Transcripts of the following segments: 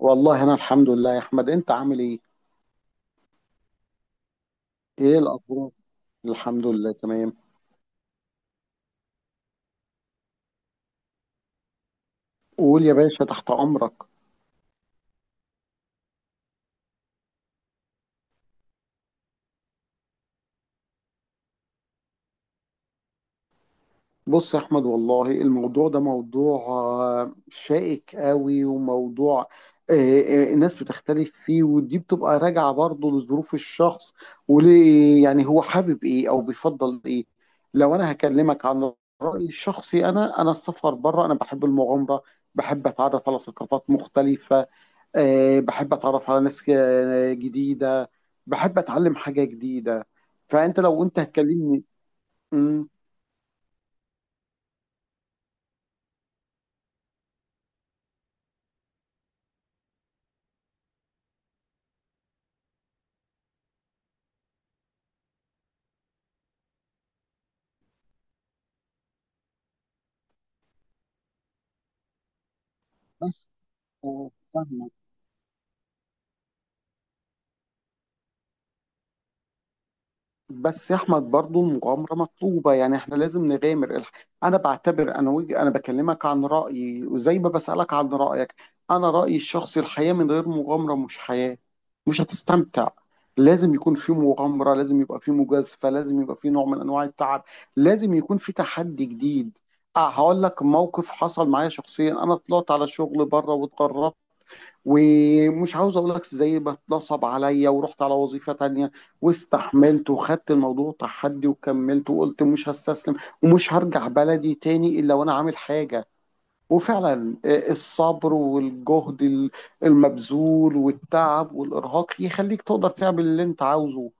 والله انا الحمد لله يا احمد. انت عامل ايه؟ ايه الاخبار؟ الحمد لله، تمام. قول يا باشا، تحت امرك. بص يا احمد، والله الموضوع ده موضوع شائك قوي، وموضوع آه، الناس بتختلف فيه، ودي بتبقى راجعة برضه لظروف الشخص، وليه يعني هو حابب ايه او بيفضل ايه. لو انا هكلمك عن رأيي الشخصي، انا السفر بره، انا بحب المغامرة، بحب اتعرف على ثقافات مختلفة، بحب اتعرف على ناس جديده، بحب اتعلم حاجه جديده. فانت لو انت هتكلمني. امم. بس فاهمك. بس يا احمد، برضو المغامره مطلوبه، يعني احنا لازم نغامر. انا بعتبر، انا بكلمك عن رايي، وزي ما بسالك عن رايك. انا رايي الشخصي، الحياه من غير مغامره مش حياه، مش هتستمتع. لازم يكون في مغامره، لازم يبقى في مجازفه، لازم يبقى في نوع من انواع التعب، لازم يكون في تحدي جديد. اه هقول لك موقف حصل معايا شخصيا. انا طلعت على شغل بره واتغربت، ومش عاوز اقول لك زي ما اتنصب عليا، ورحت على وظيفة تانية، واستحملت وخدت الموضوع تحدي، وكملت وقلت مش هستسلم، ومش هرجع بلدي تاني الا وانا عامل حاجة. وفعلا الصبر والجهد المبذول والتعب والارهاق يخليك تقدر تعمل اللي انت عاوزه.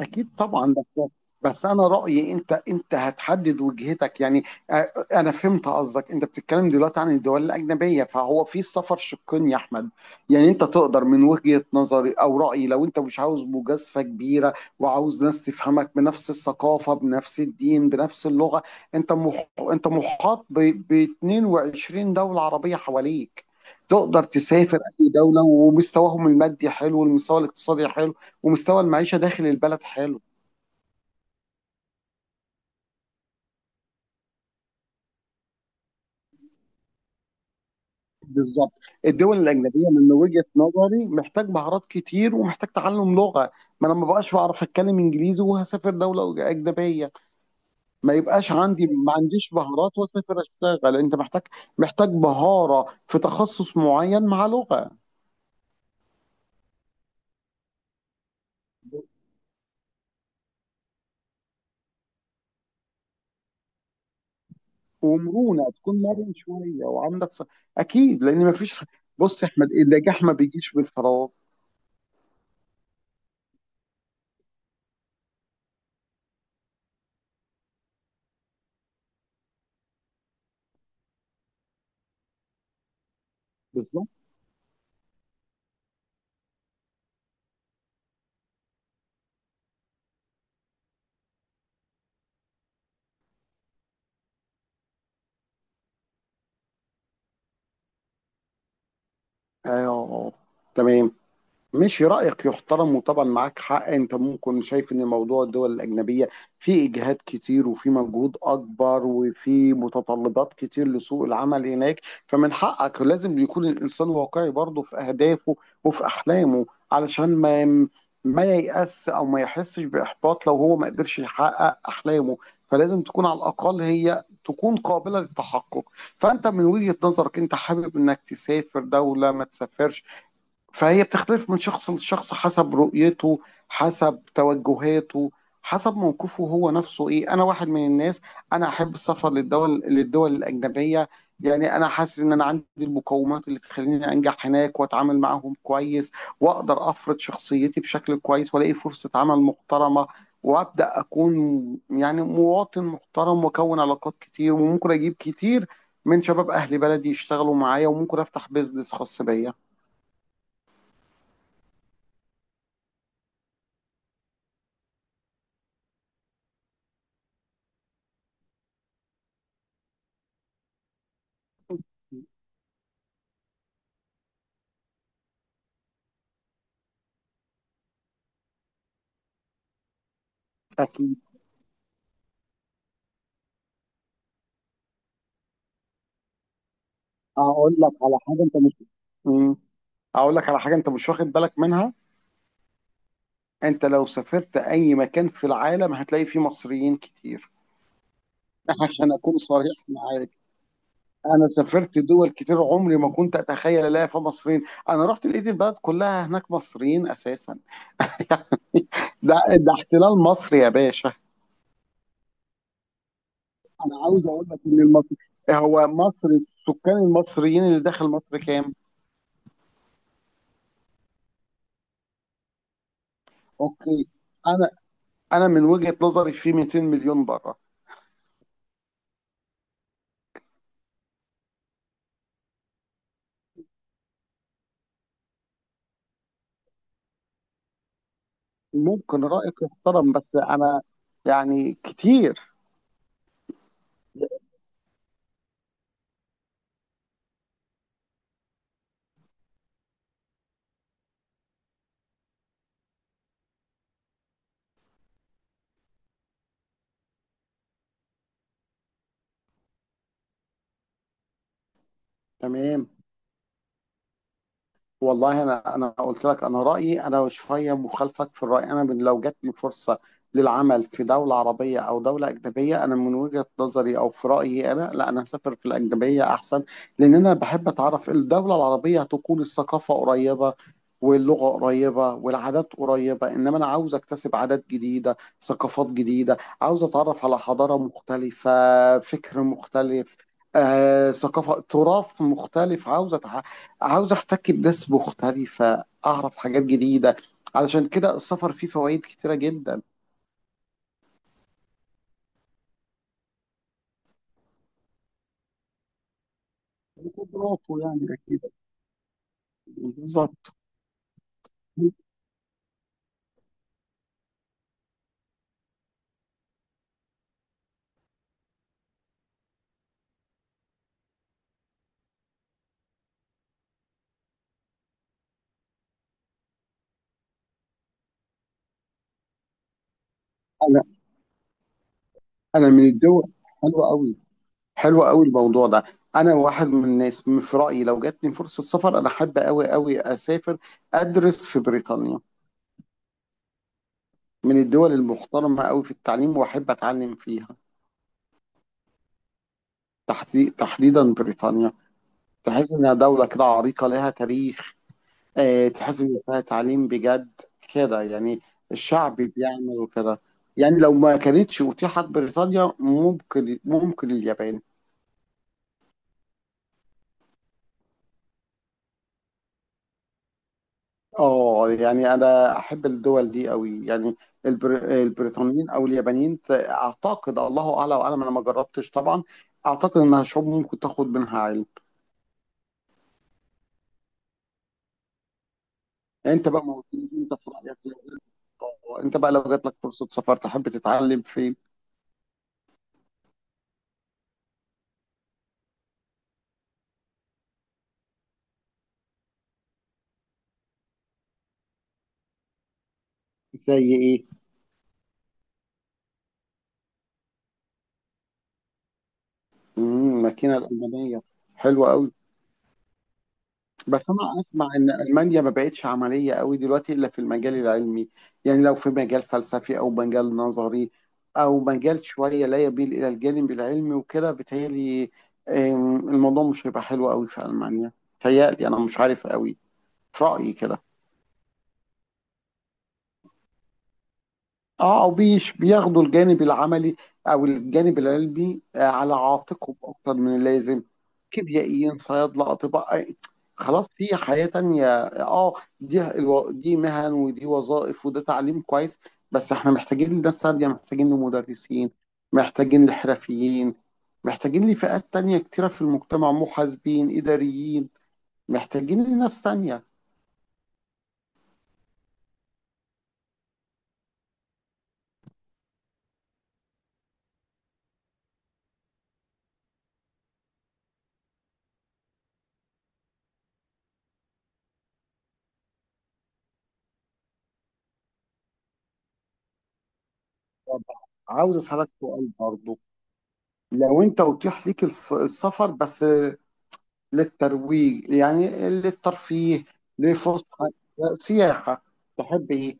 اكيد طبعا. بس انا رايي، انت هتحدد وجهتك، يعني انا فهمت قصدك. انت بتتكلم دلوقتي عن الدول الاجنبيه، فهو في السفر شقين يا احمد. يعني انت تقدر، من وجهه نظري او رايي، لو انت مش عاوز مجازفه كبيره وعاوز ناس تفهمك بنفس الثقافه، بنفس الدين، بنفس اللغه، انت مح... انت محاط ب 22 دوله عربيه حواليك. تقدر تسافر اي دوله، ومستواهم المادي حلو، والمستوى الاقتصادي حلو، ومستوى المعيشة داخل البلد حلو. بالظبط. الدول الأجنبية من وجهة نظري محتاج مهارات كتير، ومحتاج تعلم لغة. ما أنا ما بقاش بعرف أتكلم إنجليزي وهسافر دولة أجنبية، ما يبقاش عندي، ما عنديش مهارات، وأسافر أشتغل. أنت محتاج، مهارة في تخصص معين مع لغة، ومرونة، تكون مرن شوية وعندك. أكيد، لأن ما فيش. بص يا أحمد، النجاح ما بيجيش بالفراغ. بالظبط. أيوه. تمام. ماشي، رأيك يحترم، وطبعا معاك حق. انت ممكن شايف ان موضوع الدول الأجنبية فيه إجهاد كتير، وفيه مجهود أكبر، وفيه متطلبات كتير لسوق العمل هناك. فمن حقك. لازم يكون الإنسان واقعي برضه في أهدافه وفي أحلامه، علشان ما ييأس، أو ما يحسش بإحباط لو هو ما قدرش يحقق أحلامه. فلازم تكون على الأقل هي تكون قابلة للتحقق. فأنت من وجهة نظرك، أنت حابب إنك تسافر دولة، ما تسافرش. فهي بتختلف من شخص لشخص، حسب رؤيته، حسب توجهاته، حسب موقفه هو نفسه. ايه، انا واحد من الناس، انا احب السفر للدول الاجنبيه. يعني انا حاسس ان انا عندي المقومات اللي تخليني انجح هناك واتعامل معاهم كويس، واقدر افرض شخصيتي بشكل كويس، والاقي فرصه عمل محترمه، وابدا اكون يعني مواطن محترم، واكون علاقات كتير، وممكن اجيب كتير من شباب اهل بلدي يشتغلوا معايا، وممكن افتح بيزنس خاص بيا. اكيد. اقول لك على حاجه انت مش مم. اقول لك على حاجه انت مش واخد بالك منها. انت لو سافرت اي مكان في العالم هتلاقي فيه مصريين كتير. عشان اكون صريح معاك، انا سافرت دول كتير عمري ما كنت اتخيل الاقي فيها مصريين. انا رحت لقيت البلد كلها هناك مصريين اساسا. ده ده احتلال مصري يا باشا. انا عاوز اقول لك ان المصري، هو مصر السكان المصريين اللي داخل مصر كام؟ اوكي. انا انا من وجهة نظري في 200 مليون بره. ممكن رأيك يحترم، بس أنا يعني كتير. تمام. والله انا قلت لك انا رايي، انا شويه مخالفك في الراي. انا من لو جاتني فرصه للعمل في دوله عربيه او دوله اجنبيه، انا من وجهه نظري او في رايي انا، لا، انا هسافر في الاجنبيه احسن. لان انا بحب اتعرف. الدوله العربيه هتكون الثقافه قريبه، واللغه قريبه، والعادات قريبه، انما انا عاوز اكتسب عادات جديده، ثقافات جديده، عاوز اتعرف على حضاره مختلفه، فكر مختلف، ثقافه، تراث مختلف. عاوز, عاوز احتك بناس مختلفة، اعرف حاجات جديدة. علشان كده السفر فيه فوائد كتيرة جدا. وخبراته يعني، اكيد بالظبط. انا انا من الدول حلوة قوي حلوة قوي الموضوع ده. انا واحد من الناس، في رأيي لو جاتني فرصة سفر، انا احب قوي قوي اسافر ادرس في بريطانيا، من الدول المحترمة قوي في التعليم، واحب اتعلم فيها. تحديدا بريطانيا. تحس انها دولة كده عريقة، لها تاريخ، تحس ان فيها تعليم بجد، كده يعني، الشعب بيعمل وكده. يعني لو ما كانتش اتيحت بريطانيا، ممكن، اليابان. اه يعني انا احب الدول دي قوي، يعني البريطانيين او اليابانيين، اعتقد، الله اعلى واعلم، انا ما جربتش طبعا. اعتقد انها شعوب ممكن تاخد منها علم. انت بقى ما قلتليش انت في رايك انت بقى لو جات لك فرصه سفر تحب تتعلم فين؟ زي ايه؟ امم، الماكينه الالمانيه حلوه قوي. بس انا اسمع ان المانيا ما بقتش عمليه قوي دلوقتي، الا في المجال العلمي. يعني لو في مجال فلسفي، او مجال نظري، او مجال شويه لا يميل الى الجانب العلمي وكده، بيتهيألي الموضوع مش هيبقى حلو قوي في المانيا، بيتهيألي، انا مش عارف قوي، في رايي كده. اه او بيش بياخدوا الجانب العملي، او الجانب العلمي، على عاتقهم اكتر من اللازم. كيميائيين، صيادله، اطباء، خلاص، في حياه تانية. اه، دي مهن، ودي وظائف، وده تعليم كويس، بس احنا محتاجين لناس تانية، محتاجين لمدرسين، محتاجين لحرفيين، محتاجين لفئات تانية كتيرة في المجتمع، محاسبين، إداريين، محتاجين لناس تانية. طب، عاوز أسألك سؤال برضو. لو أنت أتيح ليك السفر، بس للترويج، يعني للترفيه، لفسحة، سياحة، تحب ايه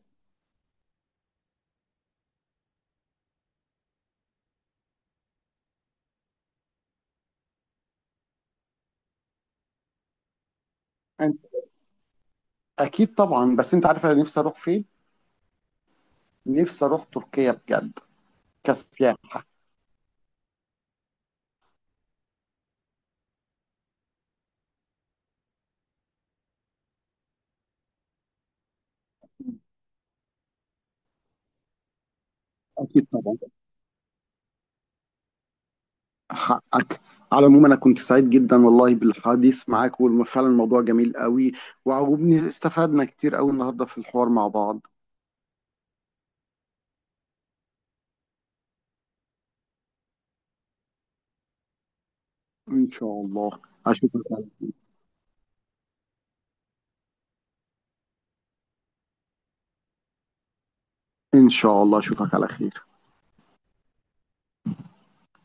انت؟ اكيد طبعا. بس انت عارف انا نفسي اروح فين؟ نفسي اروح تركيا بجد، كسياحة. اكيد طبعا، حقك. على العموم انا كنت سعيد جدا والله بالحديث معاك، وفعلا الموضوع جميل قوي وعجبني، استفدنا كتير قوي النهارده في الحوار مع بعض. ان شاء الله. اشوفك. ان شاء الله اشوفك على خير.